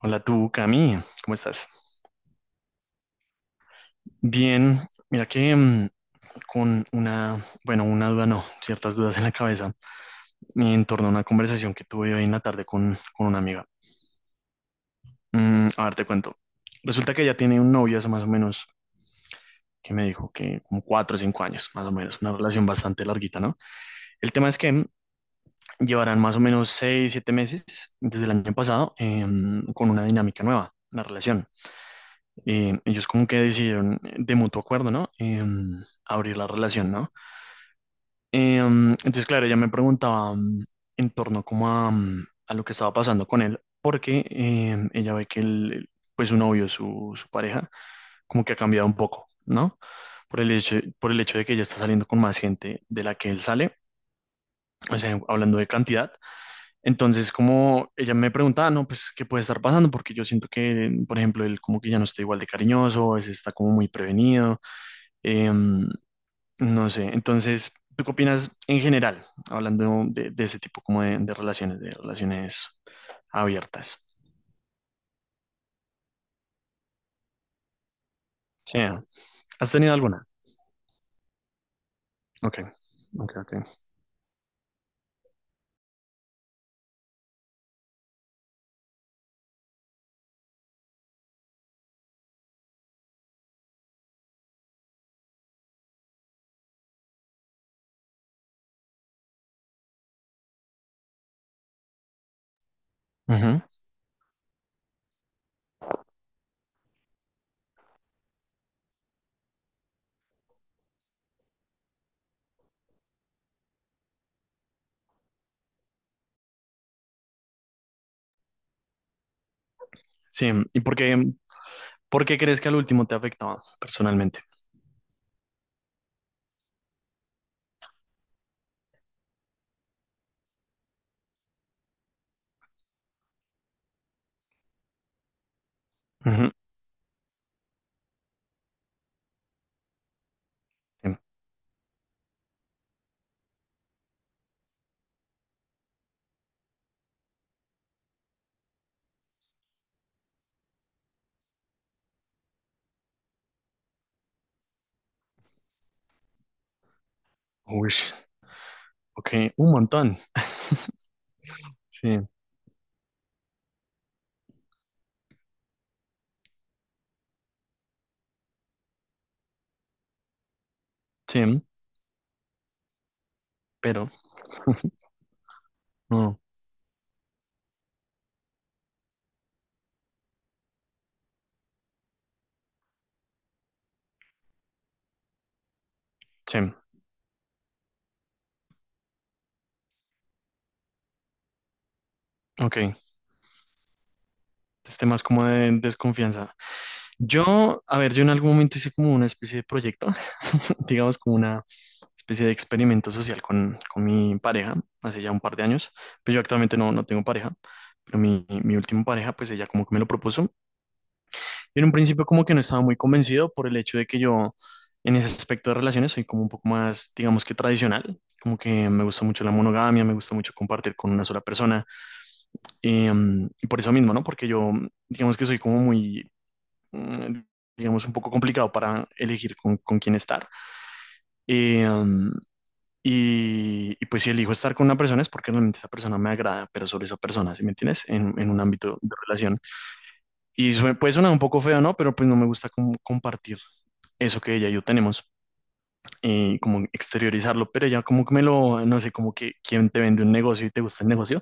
Hola tú, Cami, ¿cómo estás? Bien, mira que con una, bueno, una duda no, ciertas dudas en la cabeza, me en torno a una conversación que tuve hoy en la tarde con una amiga. A ver, te cuento. Resulta que ella tiene un novio hace más o menos, que me dijo que como cuatro o cinco años, más o menos, una relación bastante larguita, ¿no? El tema es que llevarán más o menos seis, siete meses desde el año pasado con una dinámica nueva, la relación. Ellos como que decidieron de mutuo acuerdo, ¿no? Abrir la relación, ¿no? Entonces, claro, ella me preguntaba en torno como a, a lo que estaba pasando con él, porque ella ve que el, pues su novio, su pareja, como que ha cambiado un poco, ¿no? Por el hecho de que ella está saliendo con más gente de la que él sale, o sea, hablando de cantidad. Entonces, como ella me preguntaba, no, pues, ¿qué puede estar pasando? Porque yo siento que, por ejemplo, él como que ya no está igual de cariñoso, es, está como muy prevenido. Em, no sé, entonces, ¿tú qué opinas en general, hablando de ese tipo como de relaciones abiertas? Sí, ¿has tenido alguna? Ok, ok, ok. Ujú. Sí, ¿y por qué crees que al último te afectaba personalmente? Ujú, sí. Uy, ok, un montón. Sí, sí, pero no, sí, ok. Este más como de desconfianza. Yo, a ver, yo en algún momento hice como una especie de proyecto, digamos como una especie de experimento social con mi pareja, hace ya un par de años, pero yo actualmente no, no tengo pareja, pero mi última pareja, pues ella como que me lo propuso. Y en un principio como que no estaba muy convencido por el hecho de que yo en ese aspecto de relaciones soy como un poco más, digamos que tradicional, como que me gusta mucho la monogamia, me gusta mucho compartir con una sola persona. Y por eso mismo, ¿no? Porque yo, digamos que soy como muy mm, digamos, un poco complicado para elegir con quién estar. Eh, um, y, y, pues si elijo estar con una persona es porque realmente esa persona me agrada, pero sobre esa persona, ¿sí me entiendes? En un ámbito de relación. Y puede sonar un poco feo, ¿no? Pero pues no me gusta como compartir eso que ella y yo tenemos, como exteriorizarlo, pero ya como que me lo, no sé, como que quien te vende un negocio y te gusta el negocio,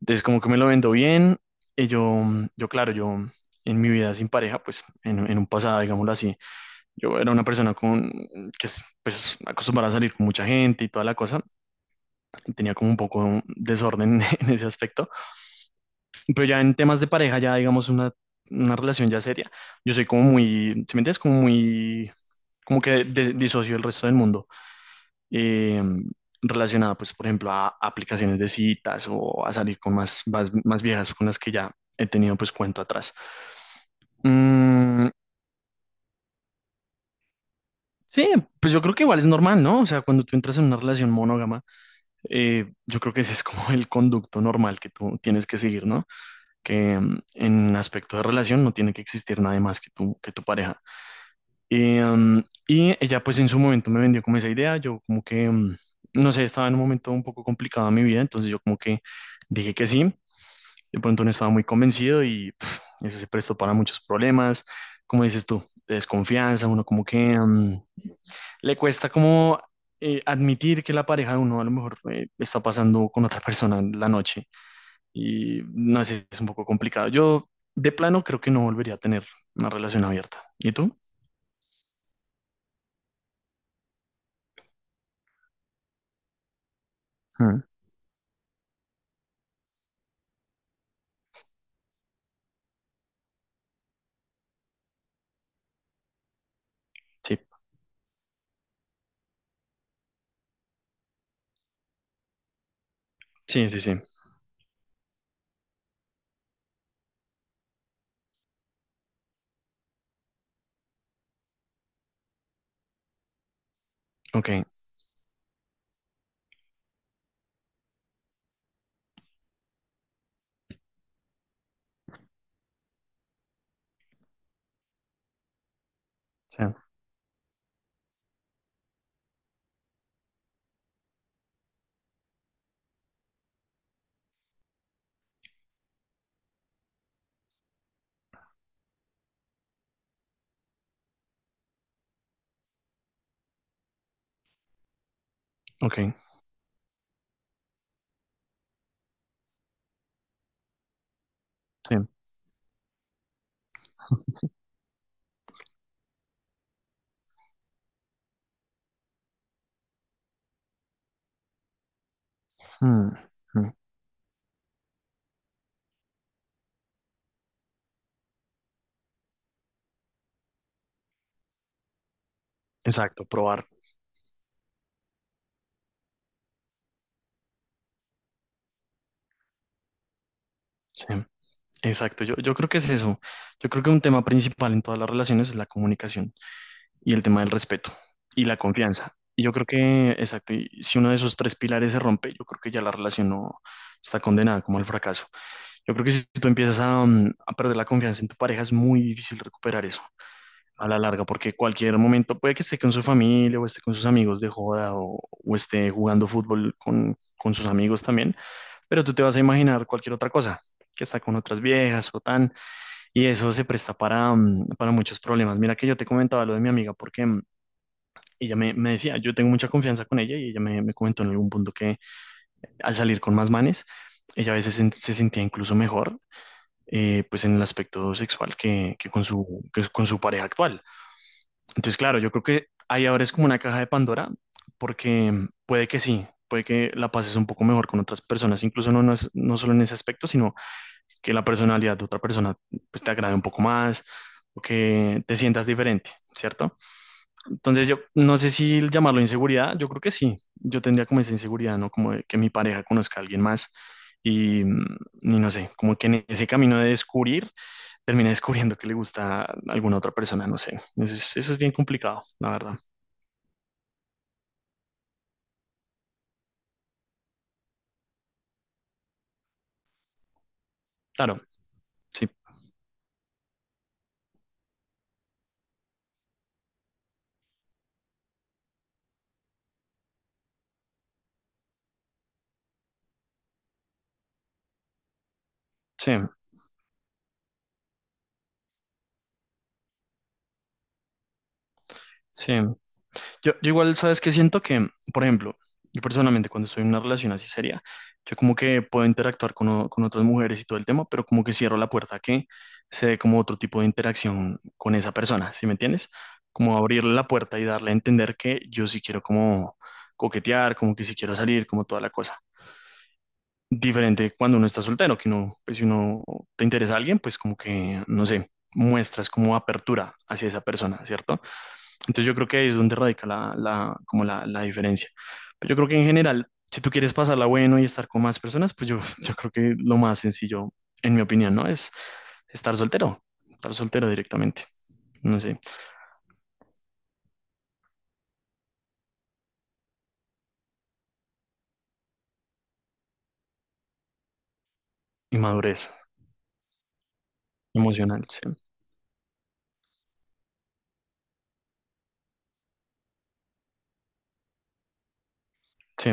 entonces como que me lo vendo bien, y yo claro, yo en mi vida sin pareja, pues en un pasado, digámoslo así, yo era una persona que es pues, acostumbrada a salir con mucha gente y toda la cosa. Tenía como un poco un desorden en ese aspecto. Pero ya en temas de pareja, ya digamos una relación ya seria, yo soy como muy, ¿sí me entiendes? Como muy, como que disocio del resto del mundo. eh, Relacionada, pues, por ejemplo, a aplicaciones de citas o a salir con más, más, más viejas con las que ya he tenido pues cuento atrás. Mm, sí, pues yo creo que igual es normal, ¿no? O sea, cuando tú entras en una relación monógama yo creo que ese es como el conducto normal que tú tienes que seguir, ¿no? Que en aspecto de relación no tiene que existir nadie más que tú, que tu pareja. Y, mm, y ella pues en su momento me vendió como esa idea, yo como que, no sé, estaba en un momento un poco complicado en mi vida, entonces yo como que dije que sí, de pronto no estaba muy convencido y pff, eso se prestó para muchos problemas, como dices tú, de desconfianza, uno como que... le cuesta como admitir que la pareja de uno a lo mejor está pasando con otra persona en la noche y no sé, es un poco complicado. Yo de plano creo que no volvería a tener una relación abierta. ¿Y tú? Mm. Sí, sí, sí, sí. Ok, sí, ok, sí. Mm, mm. Exacto, probar. Sí, exacto. Yo creo que es eso. Yo creo que un tema principal en todas las relaciones es la comunicación. Y el tema del respeto y la confianza. Y yo creo que, exacto, y si uno de esos tres pilares se rompe, yo creo que ya la relación no está condenada como al fracaso. Yo creo que si tú empiezas a, a perder la confianza en tu pareja, es muy difícil recuperar eso a la larga, porque cualquier momento, puede que esté con su familia o esté con sus amigos de joda o esté jugando fútbol con sus amigos también, pero tú te vas a imaginar cualquier otra cosa, que está con otras viejas o tan, y eso se presta para, para muchos problemas. Mira que yo te comentaba lo de mi amiga, porque ella me decía, yo tengo mucha confianza con ella y ella me comentó en algún punto que al salir con más manes, ella a veces se sentía incluso mejor, pues en el aspecto sexual que con su pareja actual. Entonces, claro, yo creo que ahí ahora es como una caja de Pandora, porque puede que sí. Puede que la pases un poco mejor con otras personas, incluso no, no, no solo en ese aspecto, sino que la personalidad de otra persona pues, te agrade un poco más o que te sientas diferente, ¿cierto? Entonces yo no sé si llamarlo inseguridad, yo creo que sí. Yo tendría como esa inseguridad, ¿no? Como de que mi pareja conozca a alguien más y, mm, y no sé, como que en ese camino de descubrir, termina descubriendo que le gusta a alguna otra persona, no sé. Eso es bien complicado, la verdad. Claro, sí, sí, sí. Yo igual, ¿sabes qué siento? Que, por ejemplo, yo personalmente cuando estoy en una relación así seria, yo como que puedo interactuar con, con otras mujeres y todo el tema, pero como que cierro la puerta a que se dé como otro tipo de interacción con esa persona, ¿sí me entiendes? Como abrirle la puerta y darle a entender que yo sí quiero como coquetear, como que sí quiero salir, como toda la cosa. Diferente cuando uno está soltero, que no, pues si uno te interesa a alguien, pues como que, no sé, muestras como apertura hacia esa persona, ¿cierto? Entonces yo creo que ahí es donde radica como la diferencia. Pero yo creo que en general, si tú quieres pasarla bueno y estar con más personas, pues yo, yo creo que lo más sencillo, en mi opinión, ¿no? Es estar soltero, estar soltero directamente, no sé, y madurez emocional, sí, sí,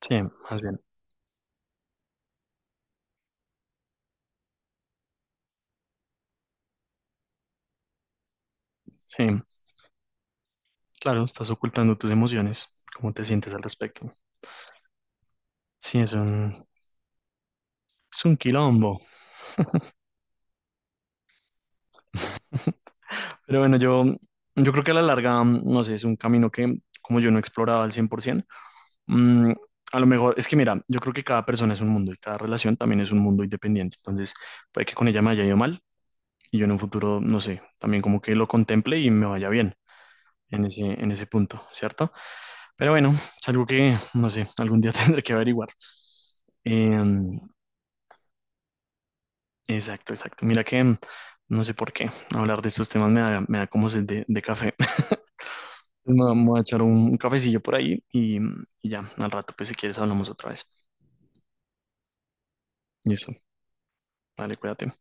sí, más bien, sí. Claro, estás ocultando tus emociones, cómo te sientes al respecto. Sí, es un quilombo. Pero bueno, yo creo que a la larga, no sé, es un camino que como yo no he explorado al 100%. Mm, a lo mejor, es que mira, yo creo que cada persona es un mundo y cada relación también es un mundo independiente. Entonces, puede que con ella me haya ido mal y yo en un futuro, no sé, también como que lo contemple y me vaya bien en ese punto, ¿cierto? Pero bueno, es algo que, no sé, algún día tendré que averiguar. Em, exacto, exacto. Mira que, no sé por qué, hablar de estos temas me da como sed de café. Me voy a echar un cafecillo por ahí y ya, al rato, pues si quieres hablamos otra vez. Y eso, vale, cuídate.